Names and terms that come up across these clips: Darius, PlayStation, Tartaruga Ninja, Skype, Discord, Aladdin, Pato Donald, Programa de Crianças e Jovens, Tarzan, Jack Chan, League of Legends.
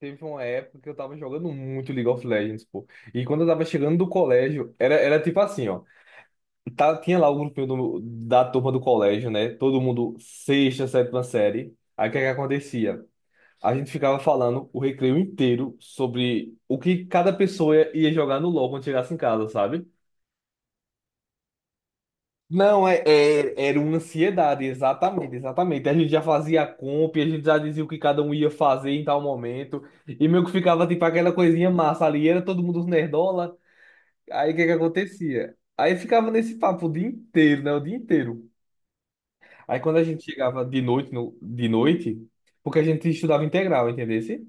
Teve uma época que eu tava jogando muito League of Legends, pô. E quando eu tava chegando do colégio, era tipo assim, ó. Tá, tinha lá o grupinho da turma do colégio, né? Todo mundo sexta, sétima série. Aí o que é que acontecia? A gente ficava falando o recreio inteiro sobre o que cada pessoa ia jogar no LoL quando chegasse em casa, sabe? Não, é, era uma ansiedade, exatamente, exatamente. A gente já fazia a compra, e a gente já dizia o que cada um ia fazer em tal momento, e meio que ficava tipo aquela coisinha massa ali, era todo mundo nerdola, aí o que que acontecia? Aí ficava nesse papo o dia inteiro, né? O dia inteiro. Aí quando a gente chegava de noite, no, de noite, porque a gente estudava integral, entendesse?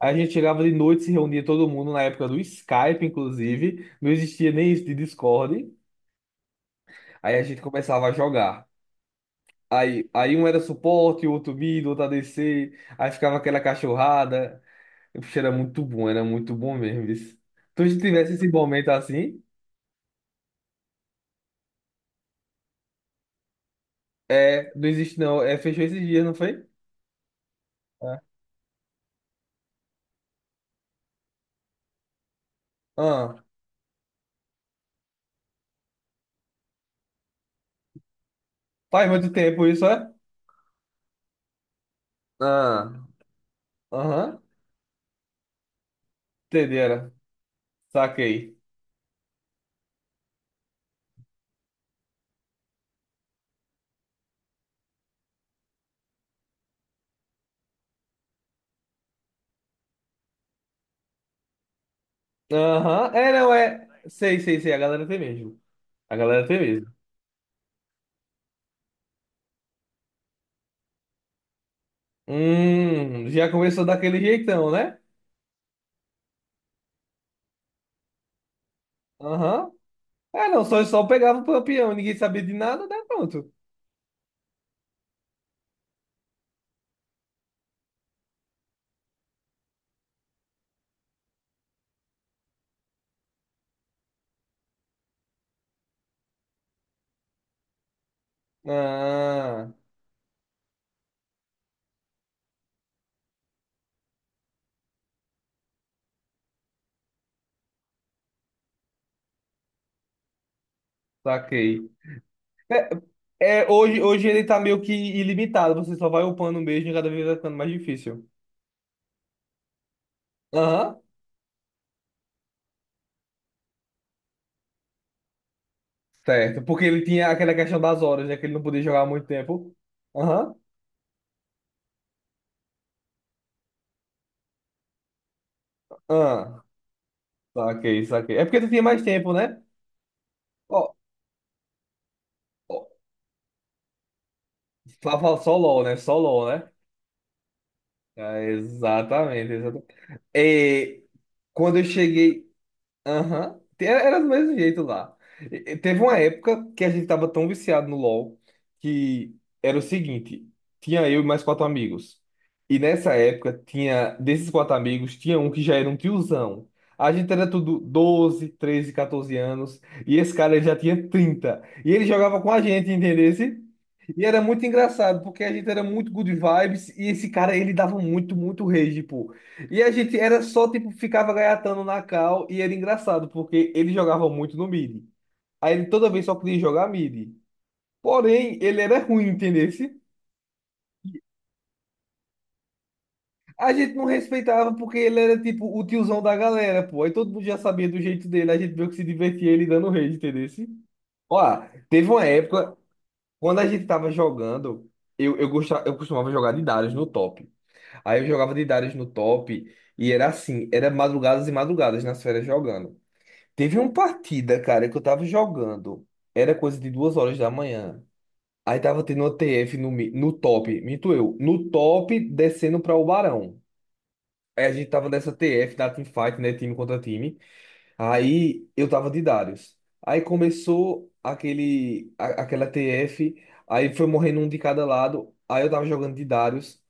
Aí a gente chegava de noite, se reunia todo mundo na época do Skype, inclusive, não existia nem isso de Discord, aí a gente começava a jogar. Aí um era suporte, o outro mid, o outro ADC, aí ficava aquela cachorrada. Puxa, era muito bom mesmo isso. Tu se tivesse esse momento assim, é, não existe não, é, fechou esses dias, não foi? É. Ah, faz muito tempo isso, é? Ah, aham, entenderam, saquei. Aham, é, não, é, sei, sei, sei, a galera tem mesmo, a galera tem mesmo. Já começou daquele jeitão, né? Aham, é, não, só pegava o peão, ninguém sabia de nada, né, pronto. Ah, saquei. É, hoje ele tá meio que ilimitado, você só vai upando mesmo e cada vez vai ficando mais difícil. Aham. Certo, porque ele tinha aquela questão das horas, né? Que ele não podia jogar há muito tempo. Aham. Ah, saquei, saquei. É porque tu tinha mais tempo, né? Ó, ó, só LOL, né? Só LOL, né? Ah, exatamente, exatamente. É, quando eu cheguei. Aham. Era do mesmo jeito lá. E teve uma época que a gente tava tão viciado no LoL que era o seguinte: tinha eu e mais quatro amigos. E nessa época, tinha desses quatro amigos, tinha um que já era um tiozão. A gente era tudo 12 13 14 anos. E esse cara ele já tinha 30 e ele jogava com a gente, entendesse? E era muito engraçado, porque a gente era muito good vibes. E esse cara, ele dava muito, muito rage, pô. E a gente era só, tipo, ficava gaiatando na cal e era engraçado, porque ele jogava muito no mid. Aí ele toda vez só queria jogar mid. Porém, ele era ruim, entendesse? A gente não respeitava porque ele era, tipo, o tiozão da galera, pô. Aí todo mundo já sabia do jeito dele, a gente meio que se divertia ele dando rage, entendesse? Ó, teve uma época, quando a gente tava jogando, eu costumava jogar de Darius no top. Aí eu jogava de Darius no top e era assim, era madrugadas e madrugadas nas férias jogando. Teve uma partida, cara, que eu tava jogando. Era coisa de 2 horas da manhã. Aí tava tendo uma TF no top, minto eu, no top descendo pra o Barão. Aí a gente tava nessa TF da teamfight, né? Time contra time. Aí eu tava de Darius. Aí começou aquela TF. Aí foi morrendo um de cada lado. Aí eu tava jogando de Darius.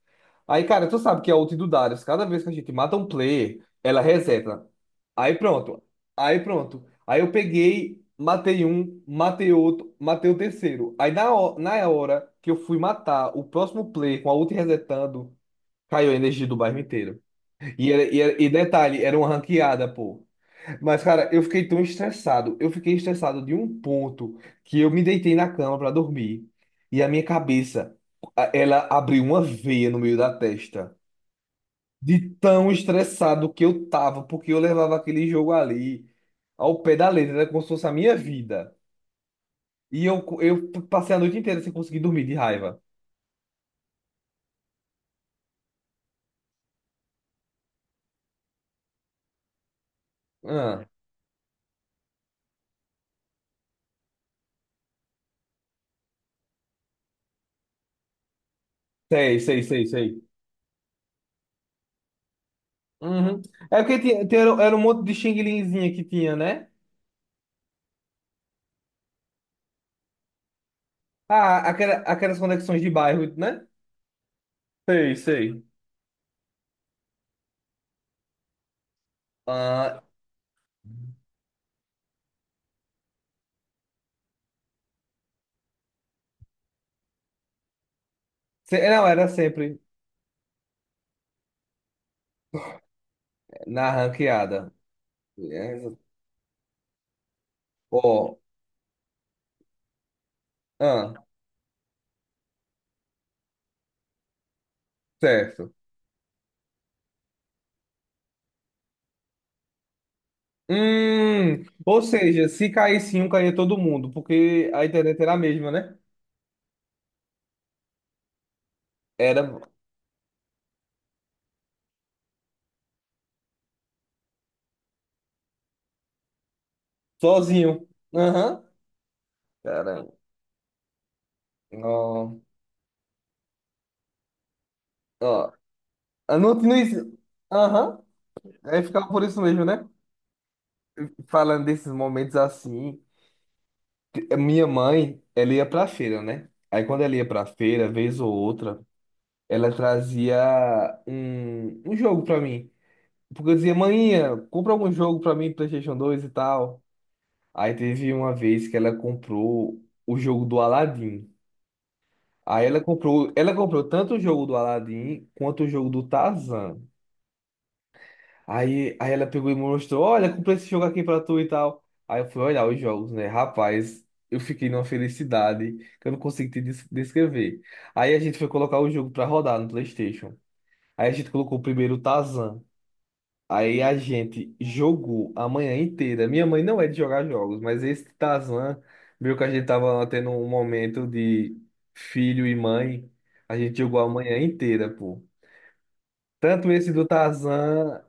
Aí, cara, tu sabe que é a ult do Darius, cada vez que a gente mata um player, ela reseta. Aí pronto. Aí pronto. Aí eu peguei, matei um, matei outro, matei o terceiro. Aí na, na hora que eu fui matar o próximo player com a ult resetando, caiu a energia do bairro inteiro. E detalhe, era uma ranqueada, pô. Mas, cara, eu fiquei tão estressado. Eu fiquei estressado de um ponto que eu me deitei na cama pra dormir. E a minha cabeça, ela abriu uma veia no meio da testa. De tão estressado que eu tava, porque eu levava aquele jogo ali ao pé da letra, era como se fosse a minha vida. E eu passei a noite inteira sem conseguir dormir de raiva. Ah, sei, sei, sei, sei. Uhum. É porque era um monte de xing-linzinha que tinha, né? Ah, aquelas conexões de bairro, né? Sei, sei. Ah, não, era sempre na ranqueada. É, ó, ah, certo. Ou seja, se caísse um, caía todo mundo, porque a internet era a mesma, né? Era sozinho. Aham. Caramba. Não, ó, ah, não, não, aham. Aí ficava por isso mesmo, né? Falando desses momentos assim, a minha mãe, ela ia pra feira, né? Aí quando ela ia pra feira, vez ou outra, ela trazia um jogo pra mim. Porque eu dizia, mãe, compra algum jogo pra mim, PlayStation 2 e tal. Aí teve uma vez que ela comprou o jogo do Aladdin. Aí ela comprou tanto o jogo do Aladdin quanto o jogo do Tarzan. Aí ela pegou e me mostrou, olha, comprei esse jogo aqui pra tu e tal. Aí eu fui olhar os jogos, né? Rapaz, eu fiquei numa felicidade que eu não consigo te descrever. Aí a gente foi colocar o jogo pra rodar no PlayStation. Aí a gente colocou primeiro o Tarzan. Aí a gente jogou a manhã inteira. Minha mãe não é de jogar jogos, mas esse Tazan, viu que a gente tava tendo um momento de filho e mãe, a gente jogou a manhã inteira, pô. Tanto esse do Tazan,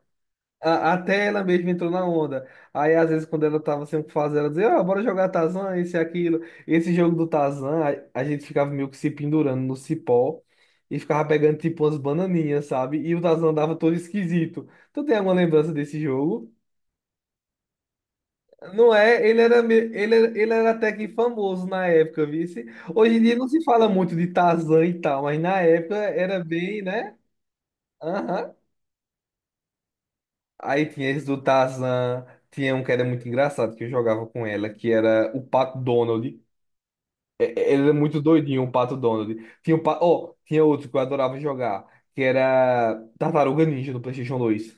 até ela mesma entrou na onda. Aí às vezes quando ela tava sem o que fazer, ela dizia, ó, bora jogar Tazan, esse e aquilo. Esse jogo do Tazan, a gente ficava meio que se pendurando no cipó e ficava pegando tipo umas bananinhas, sabe? E o Tazan dava todo esquisito. Tu tem alguma lembrança desse jogo? Não é? Ele era, me- ele era até que famoso na época, vice. Hoje em dia não se fala muito de Tarzan e tal, mas na época era bem, né? Aham. Aí tinha esse do Tarzan, tinha um que era muito engraçado, que eu jogava com ela, que era o Pato Donald. Ele era muito doidinho, o Pato Donald. Tinha, tinha outro que eu adorava jogar, que era Tartaruga Ninja no PlayStation 2.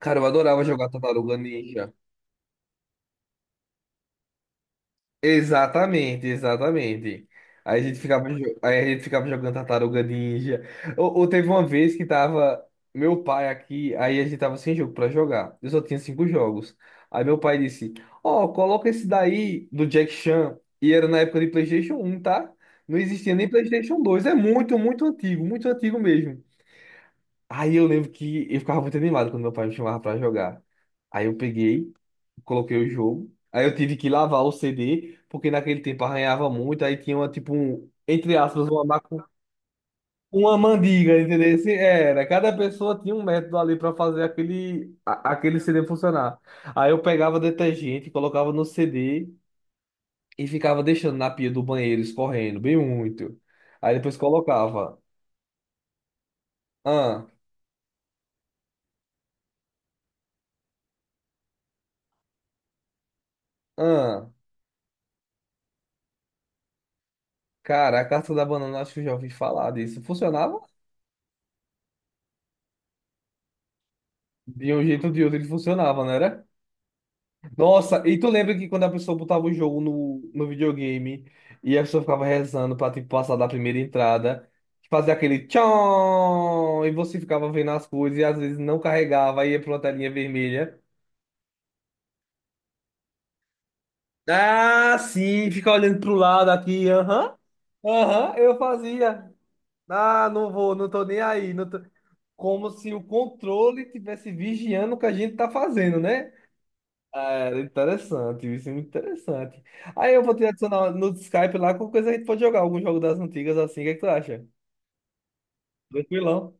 Cara, eu adorava jogar Tartaruga Ninja. Exatamente, exatamente. Aí a gente ficava jogando Tartaruga Ninja. Ou teve uma vez que tava meu pai aqui, aí a gente tava sem jogo pra jogar. Eu só tinha cinco jogos. Aí meu pai disse: Ó, coloca esse daí do Jack Chan. E era na época de PlayStation 1, tá? Não existia nem PlayStation 2. É muito, muito antigo mesmo. Aí eu lembro que eu ficava muito animado quando meu pai me chamava pra jogar. Aí eu peguei coloquei o jogo. Aí eu tive que lavar o CD, porque naquele tempo arranhava muito, aí tinha uma, tipo, um, entre aspas, uma, mandiga, entendeu? Esse era, cada pessoa tinha um método ali para fazer aquele CD funcionar. Aí eu pegava detergente, colocava no CD e ficava deixando na pia do banheiro escorrendo, bem muito. Aí depois colocava, ah, ah, cara, a casca da banana, acho que eu já ouvi falar disso. Funcionava? De um jeito ou de outro ele funcionava, né? Nossa, e tu lembra que quando a pessoa botava o jogo no videogame e a pessoa ficava rezando pra tipo, passar da primeira entrada, fazia aquele tchon, e você ficava vendo as coisas e às vezes não carregava, aí ia pra uma telinha vermelha. Ah, sim, fica olhando pro lado aqui, aham, aham, eu fazia. Ah, não vou, não tô nem aí. Não tô... Como se o controle tivesse vigiando o que a gente tá fazendo, né? Ah, era interessante, isso é muito interessante. Aí eu vou te adicionar no Skype lá, qualquer coisa a gente pode jogar algum jogo das antigas assim, o que é que tu acha? Tranquilão.